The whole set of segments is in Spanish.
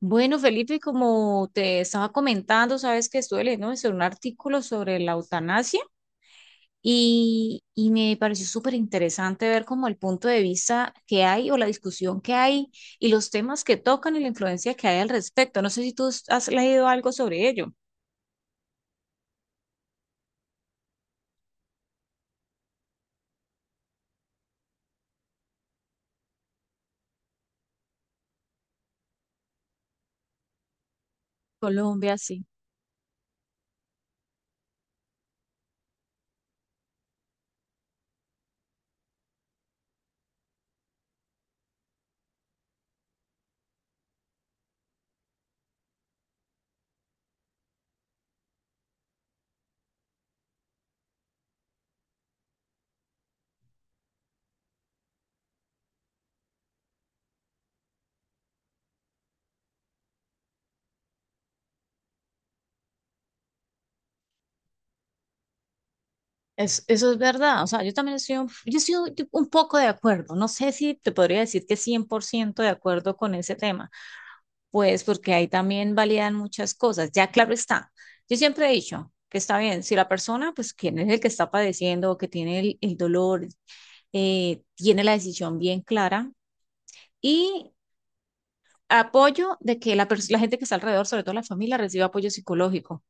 Bueno, Felipe, como te estaba comentando, sabes que estuve leyendo sobre un artículo sobre la eutanasia y me pareció súper interesante ver como el punto de vista que hay o la discusión que hay y los temas que tocan y la influencia que hay al respecto. No sé si tú has leído algo sobre ello. Colombia, sí. Eso es verdad, o sea, yo también estoy, yo estoy un poco de acuerdo, no sé si te podría decir que 100% de acuerdo con ese tema, pues porque ahí también validan muchas cosas. Ya claro está. Yo siempre he dicho que está bien, si la persona, pues quien es el que está padeciendo o que tiene el dolor, tiene la decisión bien clara y apoyo de que la gente que está alrededor, sobre todo la familia, reciba apoyo psicológico.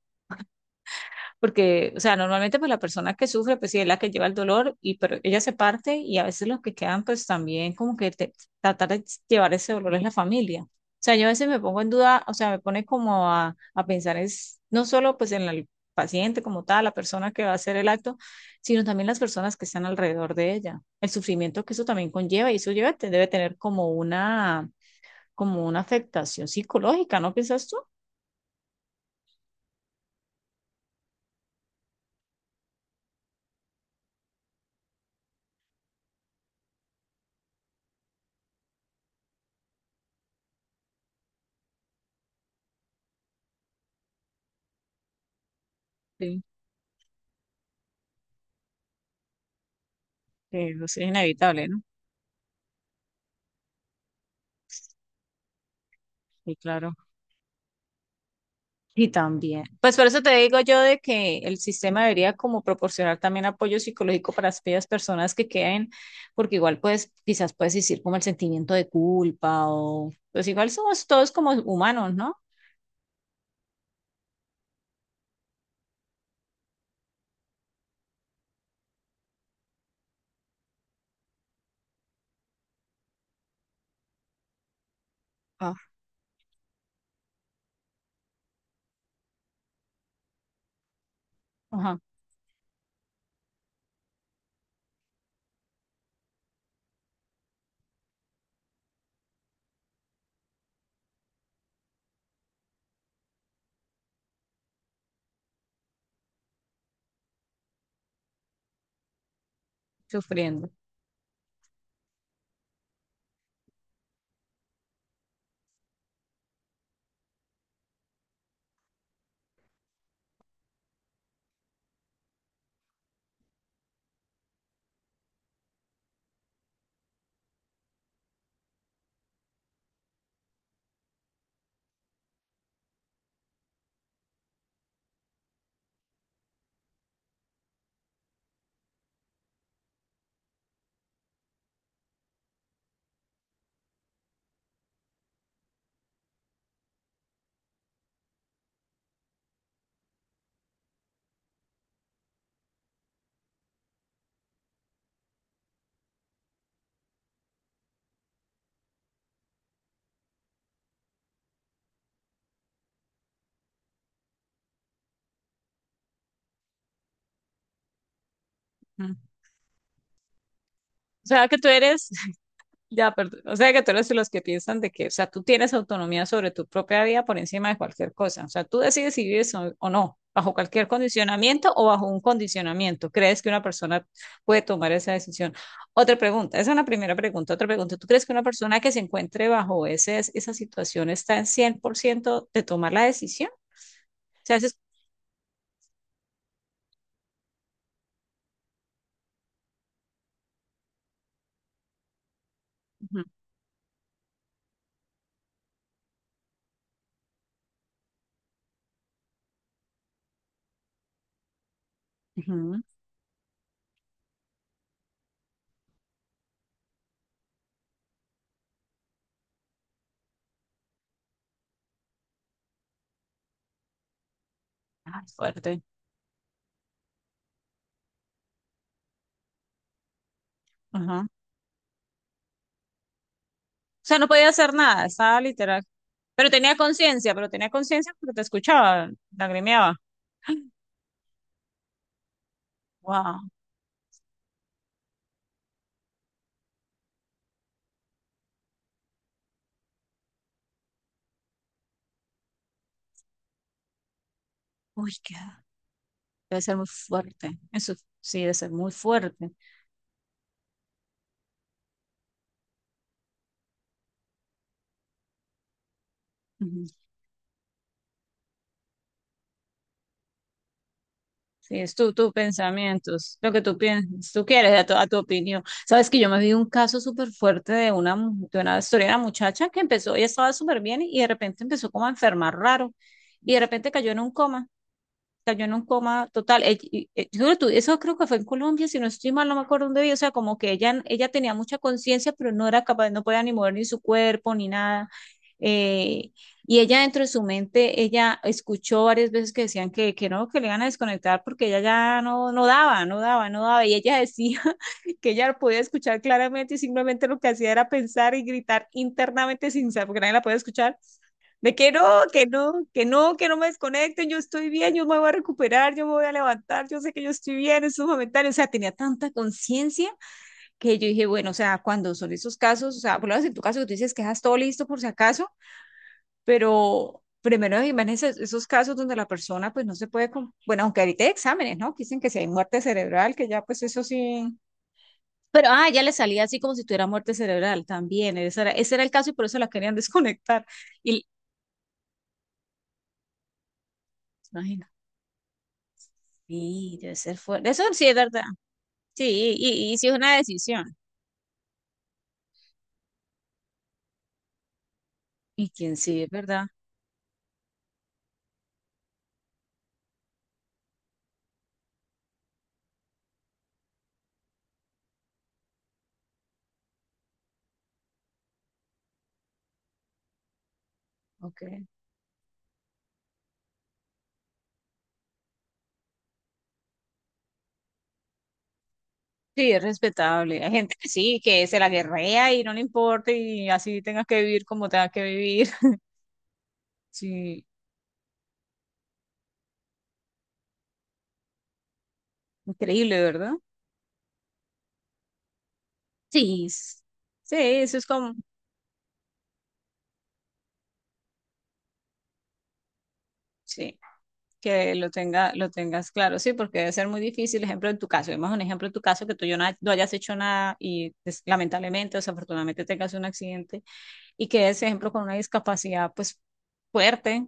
Porque, o sea, normalmente pues la persona que sufre, pues sí es la que lleva el dolor, y pero ella se parte y a veces los que quedan pues también como que tratar de llevar ese dolor es la familia. O sea, yo a veces me pongo en duda, o sea, me pone como a pensar es no solo pues en el paciente como tal, la persona que va a hacer el acto, sino también las personas que están alrededor de ella, el sufrimiento que eso también conlleva y eso lleva, debe tener como una afectación psicológica, ¿no piensas tú? Sí. Que eso es inevitable, ¿no? Sí, claro. Y también. Pues por eso te digo yo de que el sistema debería como proporcionar también apoyo psicológico para aquellas personas que queden, porque igual pues quizás puedes decir como el sentimiento de culpa o pues igual somos todos como humanos, ¿no? Ah. Ajá, sufriendo. Ujú. O sea que tú eres. Ya, perdón. O sea que tú eres de los que piensan de que, o sea, tú tienes autonomía sobre tu propia vida por encima de cualquier cosa. O sea, tú decides si vives o no, bajo cualquier condicionamiento o bajo un condicionamiento. ¿Crees que una persona puede tomar esa decisión? Otra pregunta, esa es una primera pregunta. Otra pregunta, ¿tú crees que una persona que se encuentre bajo ese, esa situación está en 100% de tomar la decisión? O sea, eso es... Ujú, ujú. Ay, fuerte. O sea, no podía hacer nada, estaba literal. Pero tenía conciencia porque te escuchaba, lagrimeaba. Wow. Uy, qué. Debe ser muy fuerte. Eso sí, debe ser muy fuerte. Ujú. Sí, es tu, tus pensamientos, lo que tú piensas, tú quieres, a tu opinión. Sabes que yo me vi un caso súper fuerte de una, de una historia de una muchacha que empezó, ella estaba súper bien y de repente empezó como a enfermar raro y de repente cayó en un coma. Sea, yo en un coma total. Yo creo eso creo que fue en Colombia, si no estoy mal, no me acuerdo dónde vi. O sea, como que ella tenía mucha conciencia, pero no era capaz, no podía ni mover ni su cuerpo ni nada. Eh, y ella dentro de su mente, ella escuchó varias veces que decían que no, que le iban a desconectar porque ella ya no, no daba, no daba, no daba. Y ella decía que ella podía escuchar claramente y simplemente lo que hacía era pensar y gritar internamente sin saber, porque nadie la podía escuchar de que no, que no, que no, que no me desconecten, yo estoy bien, yo me voy a recuperar, yo me voy a levantar, yo sé que yo estoy bien, eso es momentáneo, o sea, tenía tanta conciencia que yo dije, bueno, o sea, cuando son esos casos, o sea, por lo menos en tu caso que tú dices que dejas todo listo por si acaso, pero primero imagínense esos casos donde la persona pues no se puede, bueno, aunque ahorita hay exámenes, ¿no? Que dicen que si hay muerte cerebral, que ya pues eso sí. Pero, ah, ya le salía así como si tuviera muerte cerebral también. Ese era el caso y por eso la querían desconectar. Y, sí, debe ser fuerte. Eso sí es verdad. Sí, y sí es una decisión. Y quién sí, es verdad. Ok. Sí, es respetable. Hay gente que sí, que se la guerrea y no le importa y así tengas que vivir como tengas que vivir. Sí, increíble, ¿verdad? Sí, sí, eso es como, sí, que lo tengas claro, sí, porque debe ser muy difícil, ejemplo, en tu caso, vemos un ejemplo en tu caso que no hayas hecho nada y lamentablemente o desafortunadamente tengas un accidente y quedes, por ejemplo, con una discapacidad pues fuerte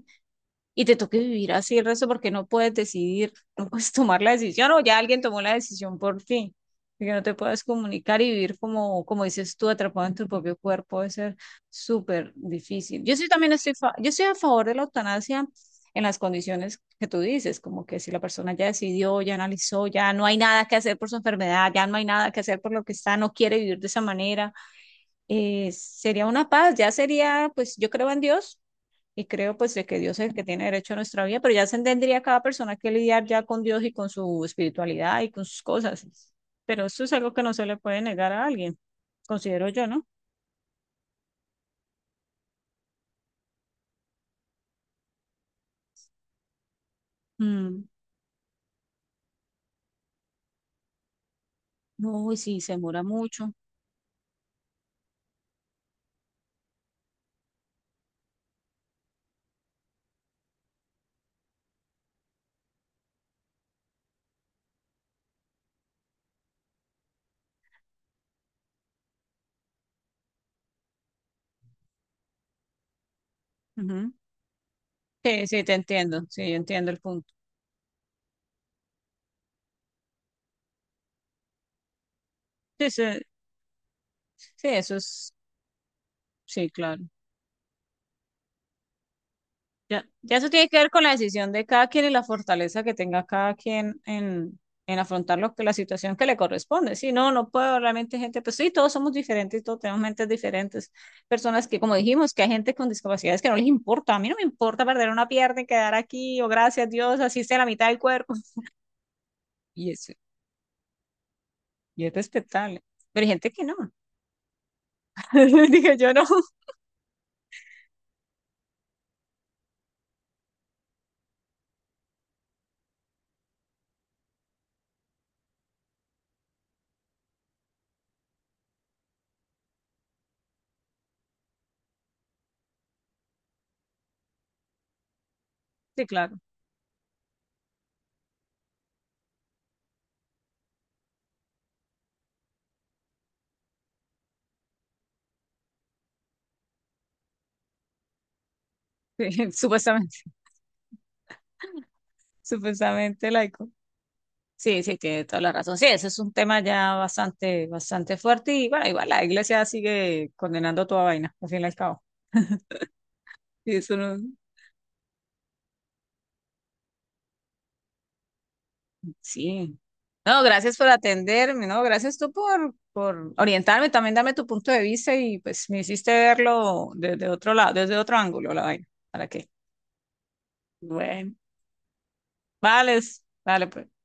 y te toque vivir así el resto porque no puedes decidir, no puedes tomar la decisión o ya alguien tomó la decisión por ti. Y que no te puedas comunicar y vivir como, como dices tú, atrapado en tu propio cuerpo, debe ser súper difícil. Yo sí también estoy, yo estoy a favor de la eutanasia en las condiciones que tú dices, como que si la persona ya decidió, ya analizó, ya no hay nada que hacer por su enfermedad, ya no hay nada que hacer por lo que está, no quiere vivir de esa manera, sería una paz, ya sería, pues yo creo en Dios y creo pues de que Dios es el que tiene derecho a nuestra vida, pero ya se tendría cada persona que lidiar ya con Dios y con su espiritualidad y con sus cosas. Pero eso es algo que no se le puede negar a alguien, considero yo, ¿no? Mm. No, y sí, se demora mucho. Ujú. Sí, sí, te entiendo, sí, yo entiendo el punto. Sí, sí, sí, eso es, sí, claro. Ya, ya eso tiene que ver con la decisión de cada quien y la fortaleza que tenga cada quien en afrontar lo que, la situación que le corresponde. Si no, no puedo realmente gente, pues sí, todos somos diferentes, todos tenemos mentes diferentes. Personas que, como dijimos, que hay gente con discapacidades que no les importa. A mí no me importa perder una pierna y quedar aquí, o gracias a Dios, así sea la mitad del cuerpo. Y eso, y es respetable. Pero hay gente que no. Dije yo no. Sí, claro. Sí, supuestamente, supuestamente laico. Sí, sí, tiene toda la razón. Sí, ese es un tema ya bastante, bastante fuerte y bueno, igual la iglesia sigue condenando toda vaina, al fin y al cabo. Y eso no, sí. No, gracias por atenderme, no, gracias tú por orientarme, también darme tu punto de vista y pues me hiciste verlo desde otro lado, desde otro ángulo la vaina. ¿Para qué? Bueno, vale, vale, pues.